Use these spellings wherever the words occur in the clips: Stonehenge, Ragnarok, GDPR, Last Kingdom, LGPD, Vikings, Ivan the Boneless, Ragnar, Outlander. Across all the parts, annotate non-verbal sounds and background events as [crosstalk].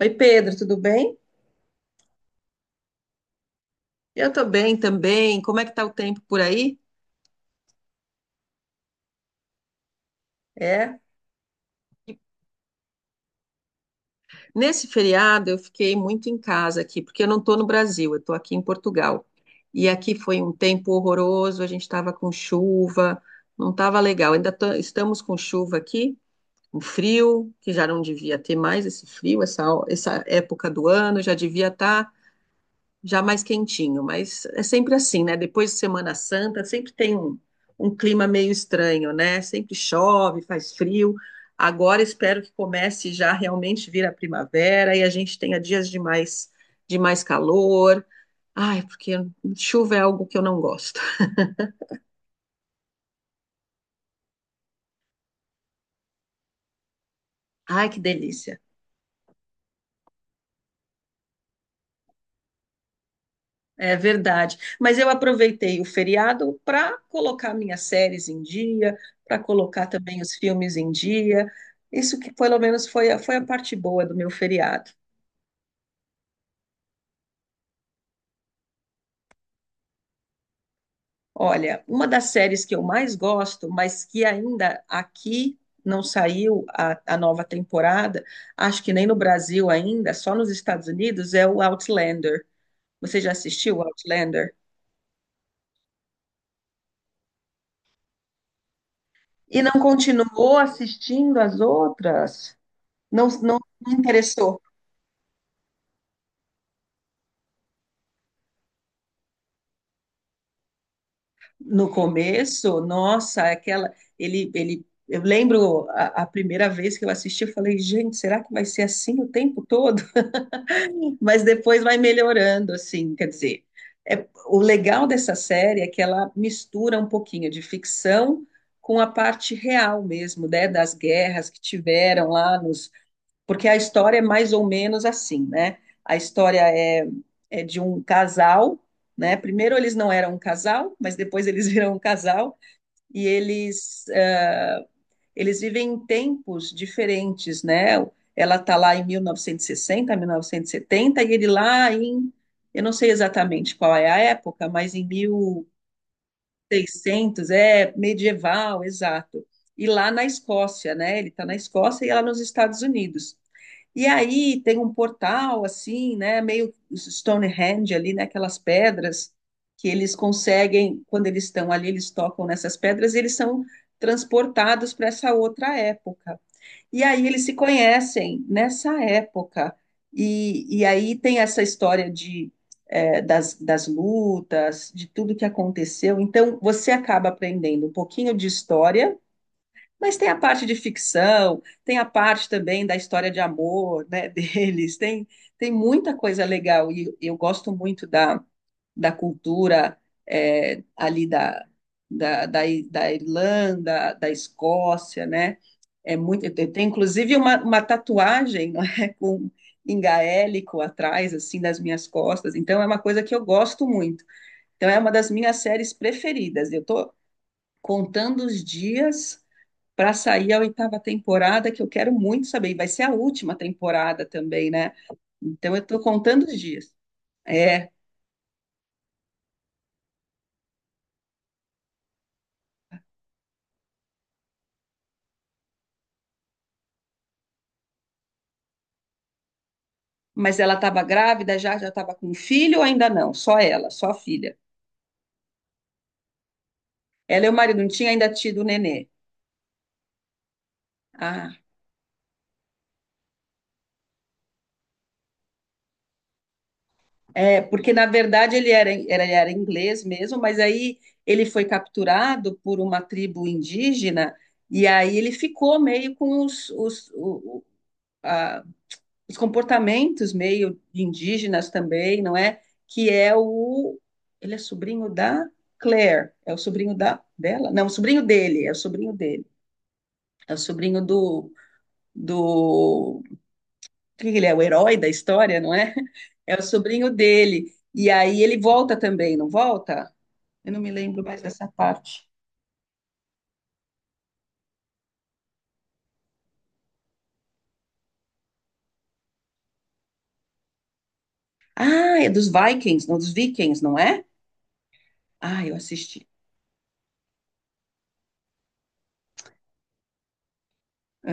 Oi, Pedro, tudo bem? Eu tô bem também. Como é que tá o tempo por aí? É. Nesse feriado eu fiquei muito em casa aqui, porque eu não tô no Brasil, eu tô aqui em Portugal. E aqui foi um tempo horroroso, a gente tava com chuva, não tava legal. Estamos com chuva aqui, um frio, que já não devia ter mais esse frio, essa época do ano, já devia estar já mais quentinho, mas é sempre assim, né? Depois de Semana Santa, sempre tem um clima meio estranho, né? Sempre chove, faz frio. Agora espero que comece já realmente vir a primavera e a gente tenha dias de mais calor. Ai, porque chuva é algo que eu não gosto. Ai, que delícia. É verdade. Mas eu aproveitei o feriado para colocar minhas séries em dia, para colocar também os filmes em dia. Isso que pelo menos foi foi a parte boa do meu feriado. Olha, uma das séries que eu mais gosto, mas que ainda aqui não saiu a nova temporada, acho que nem no Brasil ainda, só nos Estados Unidos, é o Outlander. Você já assistiu o Outlander? E não continuou assistindo as outras? Não, não interessou? No começo, nossa, aquela. Eu lembro a primeira vez que eu assisti, eu falei, gente, será que vai ser assim o tempo todo? [laughs] Mas depois vai melhorando, assim, quer dizer. O legal dessa série é que ela mistura um pouquinho de ficção com a parte real mesmo, né, das guerras que tiveram lá nos. Porque a história é mais ou menos assim, né? A história é, é de um casal, né? Primeiro eles não eram um casal, mas depois eles [laughs] viram um casal e eles, eles vivem em tempos diferentes, né? Ela está lá em 1960, 1970, e sessenta, mil novecentos e setenta, e ele lá em, eu não sei exatamente qual é a época, mas em 1600, é medieval, exato. E lá na Escócia, né? Ele está na Escócia e ela nos Estados Unidos. E aí tem um portal assim, né, meio Stonehenge ali, né, aquelas pedras que eles conseguem, quando eles estão ali, eles tocam nessas pedras, e eles são transportados para essa outra época. E aí eles se conhecem nessa época. E aí tem essa história de das lutas, de tudo que aconteceu. Então você acaba aprendendo um pouquinho de história, mas tem a parte de ficção, tem a parte também da história de amor, né, [laughs] deles, tem, tem muita coisa legal e eu gosto muito da cultura ali da Irlanda, da Escócia, né? É muito, eu tenho, inclusive uma tatuagem, não é, [laughs] com em gaélico atrás, assim, das minhas costas. Então é uma coisa que eu gosto muito. Então é uma das minhas séries preferidas. Eu estou contando os dias para sair a oitava temporada, que eu quero muito saber. E vai ser a última temporada também, né? Então eu estou contando os dias. É, mas ela estava grávida já, já estava com filho ou ainda não? Só ela, só a filha. Ela e o marido não tinha ainda tido o nenê. Ah, é, porque na verdade ele era inglês mesmo, mas aí ele foi capturado por uma tribo indígena e aí ele ficou meio com os, o- a- os comportamentos meio indígenas também, não é? Que é o. Ele é sobrinho da Claire, é o sobrinho da dela? Não, o sobrinho dele, é o sobrinho dele. É o sobrinho do. Do que ele é? O herói da história, não é? [laughs] É o sobrinho dele. E aí ele volta também, não volta? Eu não me lembro mais dessa parte. Ah, é dos Vikings, dos Vikings, não é? Ah, eu assisti.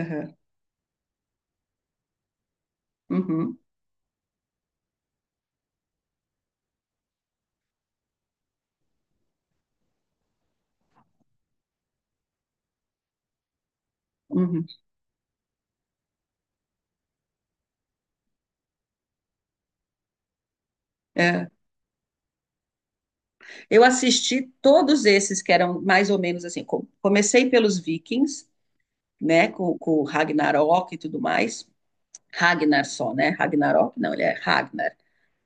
Aham, uhum, uhum. É. Eu assisti todos esses que eram mais ou menos assim. Comecei pelos Vikings, né, com Ragnarok e tudo mais. Ragnar só, né? Ragnarok, não, ele é Ragnar.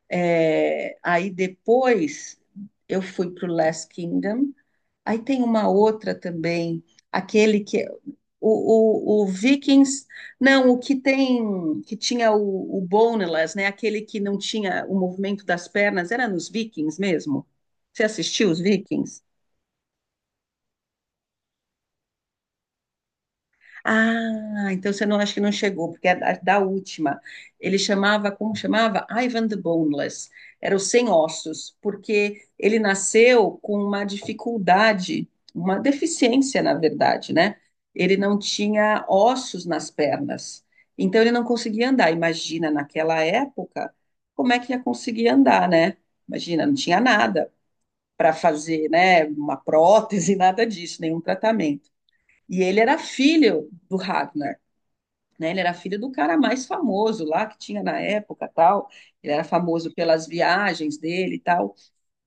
É, aí depois eu fui para o Last Kingdom. Aí tem uma outra também, aquele que o Vikings, não, o que tem, que tinha o Boneless, né? Aquele que não tinha o movimento das pernas, era nos Vikings mesmo. Você assistiu os Vikings? Ah, então você não acha que não chegou, porque é da última. Ele chamava, como chamava? Ivan the Boneless. Era o sem ossos, porque ele nasceu com uma dificuldade, uma deficiência, na verdade, né? Ele não tinha ossos nas pernas. Então ele não conseguia andar. Imagina, naquela época, como é que ia conseguir andar, né? Imagina, não tinha nada para fazer, né? Uma prótese, [laughs] nada disso, nenhum tratamento. E ele era filho do Ragnar, né? Ele era filho do cara mais famoso lá que tinha na época, tal. Ele era famoso pelas viagens dele e tal.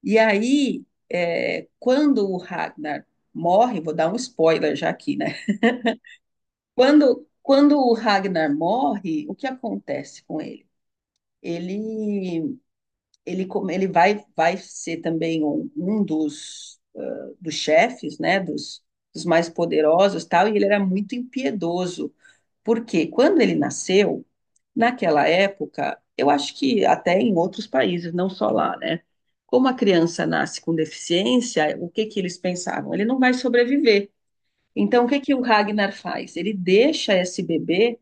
E aí, é, quando o Ragnar morre, vou dar um spoiler já aqui, né? Quando o Ragnar morre, o que acontece com ele? Ele ele vai ser também um dos chefes, né? Dos mais poderosos, tal. E ele era muito impiedoso. Porque quando ele nasceu, naquela época, eu acho que até em outros países, não só lá, né? Como a criança nasce com deficiência, o que que eles pensavam? Ele não vai sobreviver. Então, o que que o Ragnar faz? Ele deixa esse bebê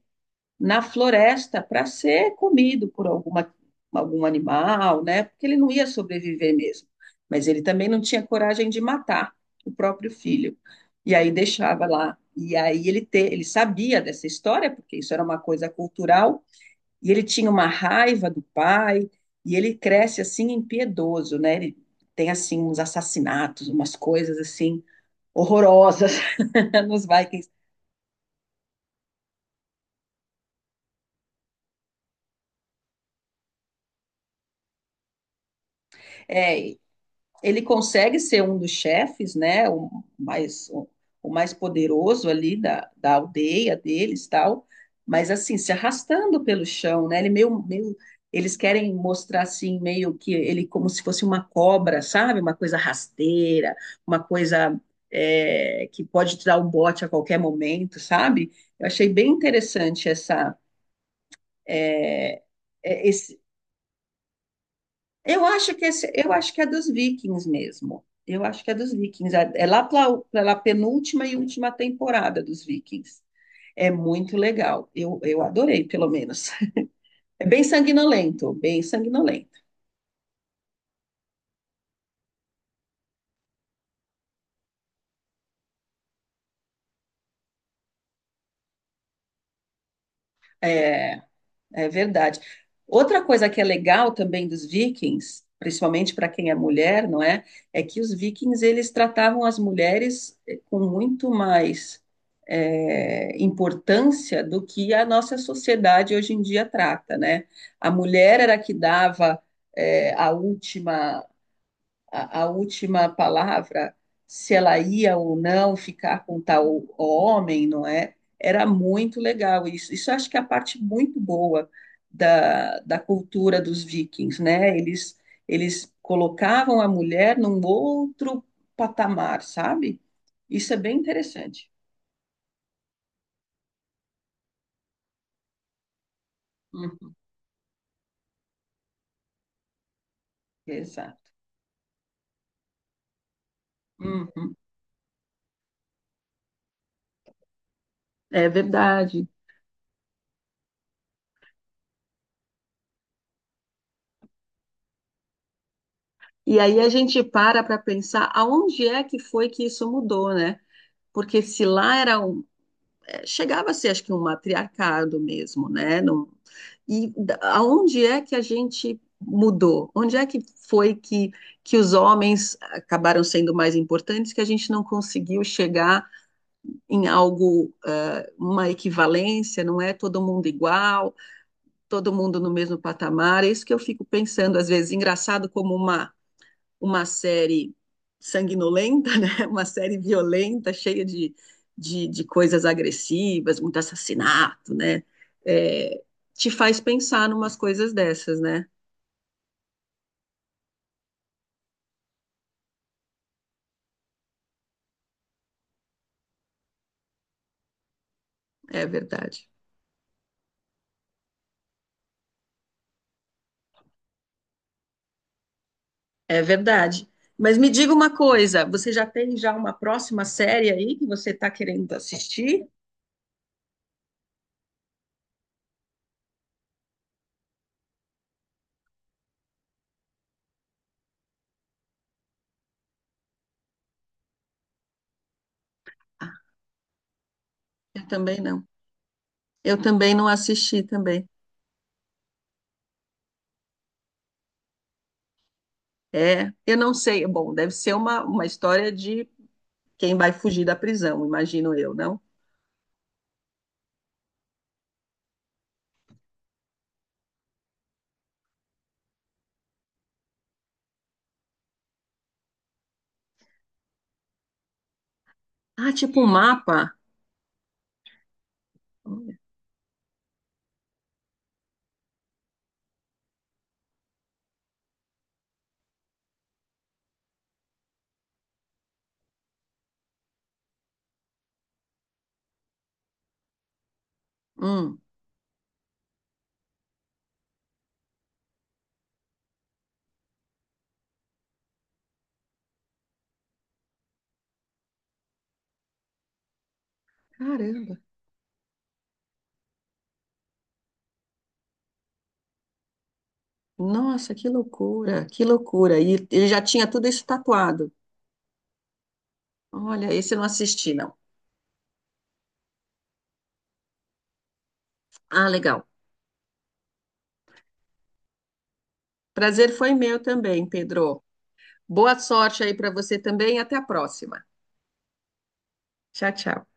na floresta para ser comido por algum animal, né? Porque ele não ia sobreviver mesmo. Mas ele também não tinha coragem de matar o próprio filho. E aí deixava lá. E aí ele sabia dessa história, porque isso era uma coisa cultural, e ele tinha uma raiva do pai, e ele cresce assim impiedoso, né? Ele tem assim uns assassinatos, umas coisas assim horrorosas [laughs] nos Vikings. É, ele consegue ser um dos chefes, né, mais, o mais poderoso ali da aldeia deles, tal, mas assim, se arrastando pelo chão, né, ele meio, eles querem mostrar assim, meio que ele como se fosse uma cobra, sabe, uma coisa rasteira, uma coisa é, que pode te dar um bote a qualquer momento, sabe, eu achei bem interessante essa, é, esse eu acho que esse, eu acho que é dos Vikings mesmo. Eu acho que é dos Vikings. É é lá pela penúltima e última temporada dos Vikings. É muito legal. Eu adorei, pelo menos. [laughs] É bem sanguinolento, bem sanguinolento. É. É verdade. Outra coisa que é legal também dos vikings, principalmente para quem é mulher, não é? É que os vikings eles tratavam as mulheres com muito mais importância do que a nossa sociedade hoje em dia trata, né? A mulher era a que dava a última a última palavra, se ela ia ou não ficar com tal homem, não é? Era muito legal isso. Isso eu acho que é a parte muito boa da cultura dos vikings, né? Eles colocavam a mulher num outro patamar, sabe? Isso é bem interessante. Uhum, exato. Uhum, é verdade. E aí a gente para pensar aonde é que foi que isso mudou, né? Porque se lá era chegava a ser, acho que, um matriarcado mesmo, né? Aonde é que a gente mudou? Onde é que foi que os homens acabaram sendo mais importantes, que a gente não conseguiu chegar em algo, ah, uma equivalência, não é todo mundo igual, todo mundo no mesmo patamar? É isso que eu fico pensando, às vezes, engraçado como uma série sanguinolenta, [laughs] né? Uma série violenta, cheia de coisas agressivas, muito assassinato, né? É, te faz pensar numas coisas dessas, né? É verdade. É verdade. Mas me diga uma coisa, você já tem já uma próxima série aí que você está querendo assistir? Ah, eu também não. Eu também não assisti também. É, eu não sei. Bom, deve ser uma história de quem vai fugir da prisão, imagino eu, não? Ah, tipo um mapa. Olha. Hum, caramba. Nossa, que loucura, que loucura. E ele já tinha tudo isso tatuado. Olha, esse eu não assisti, não. Ah, legal. Prazer foi meu também, Pedro. Boa sorte aí para você também. E até a próxima. Tchau, tchau.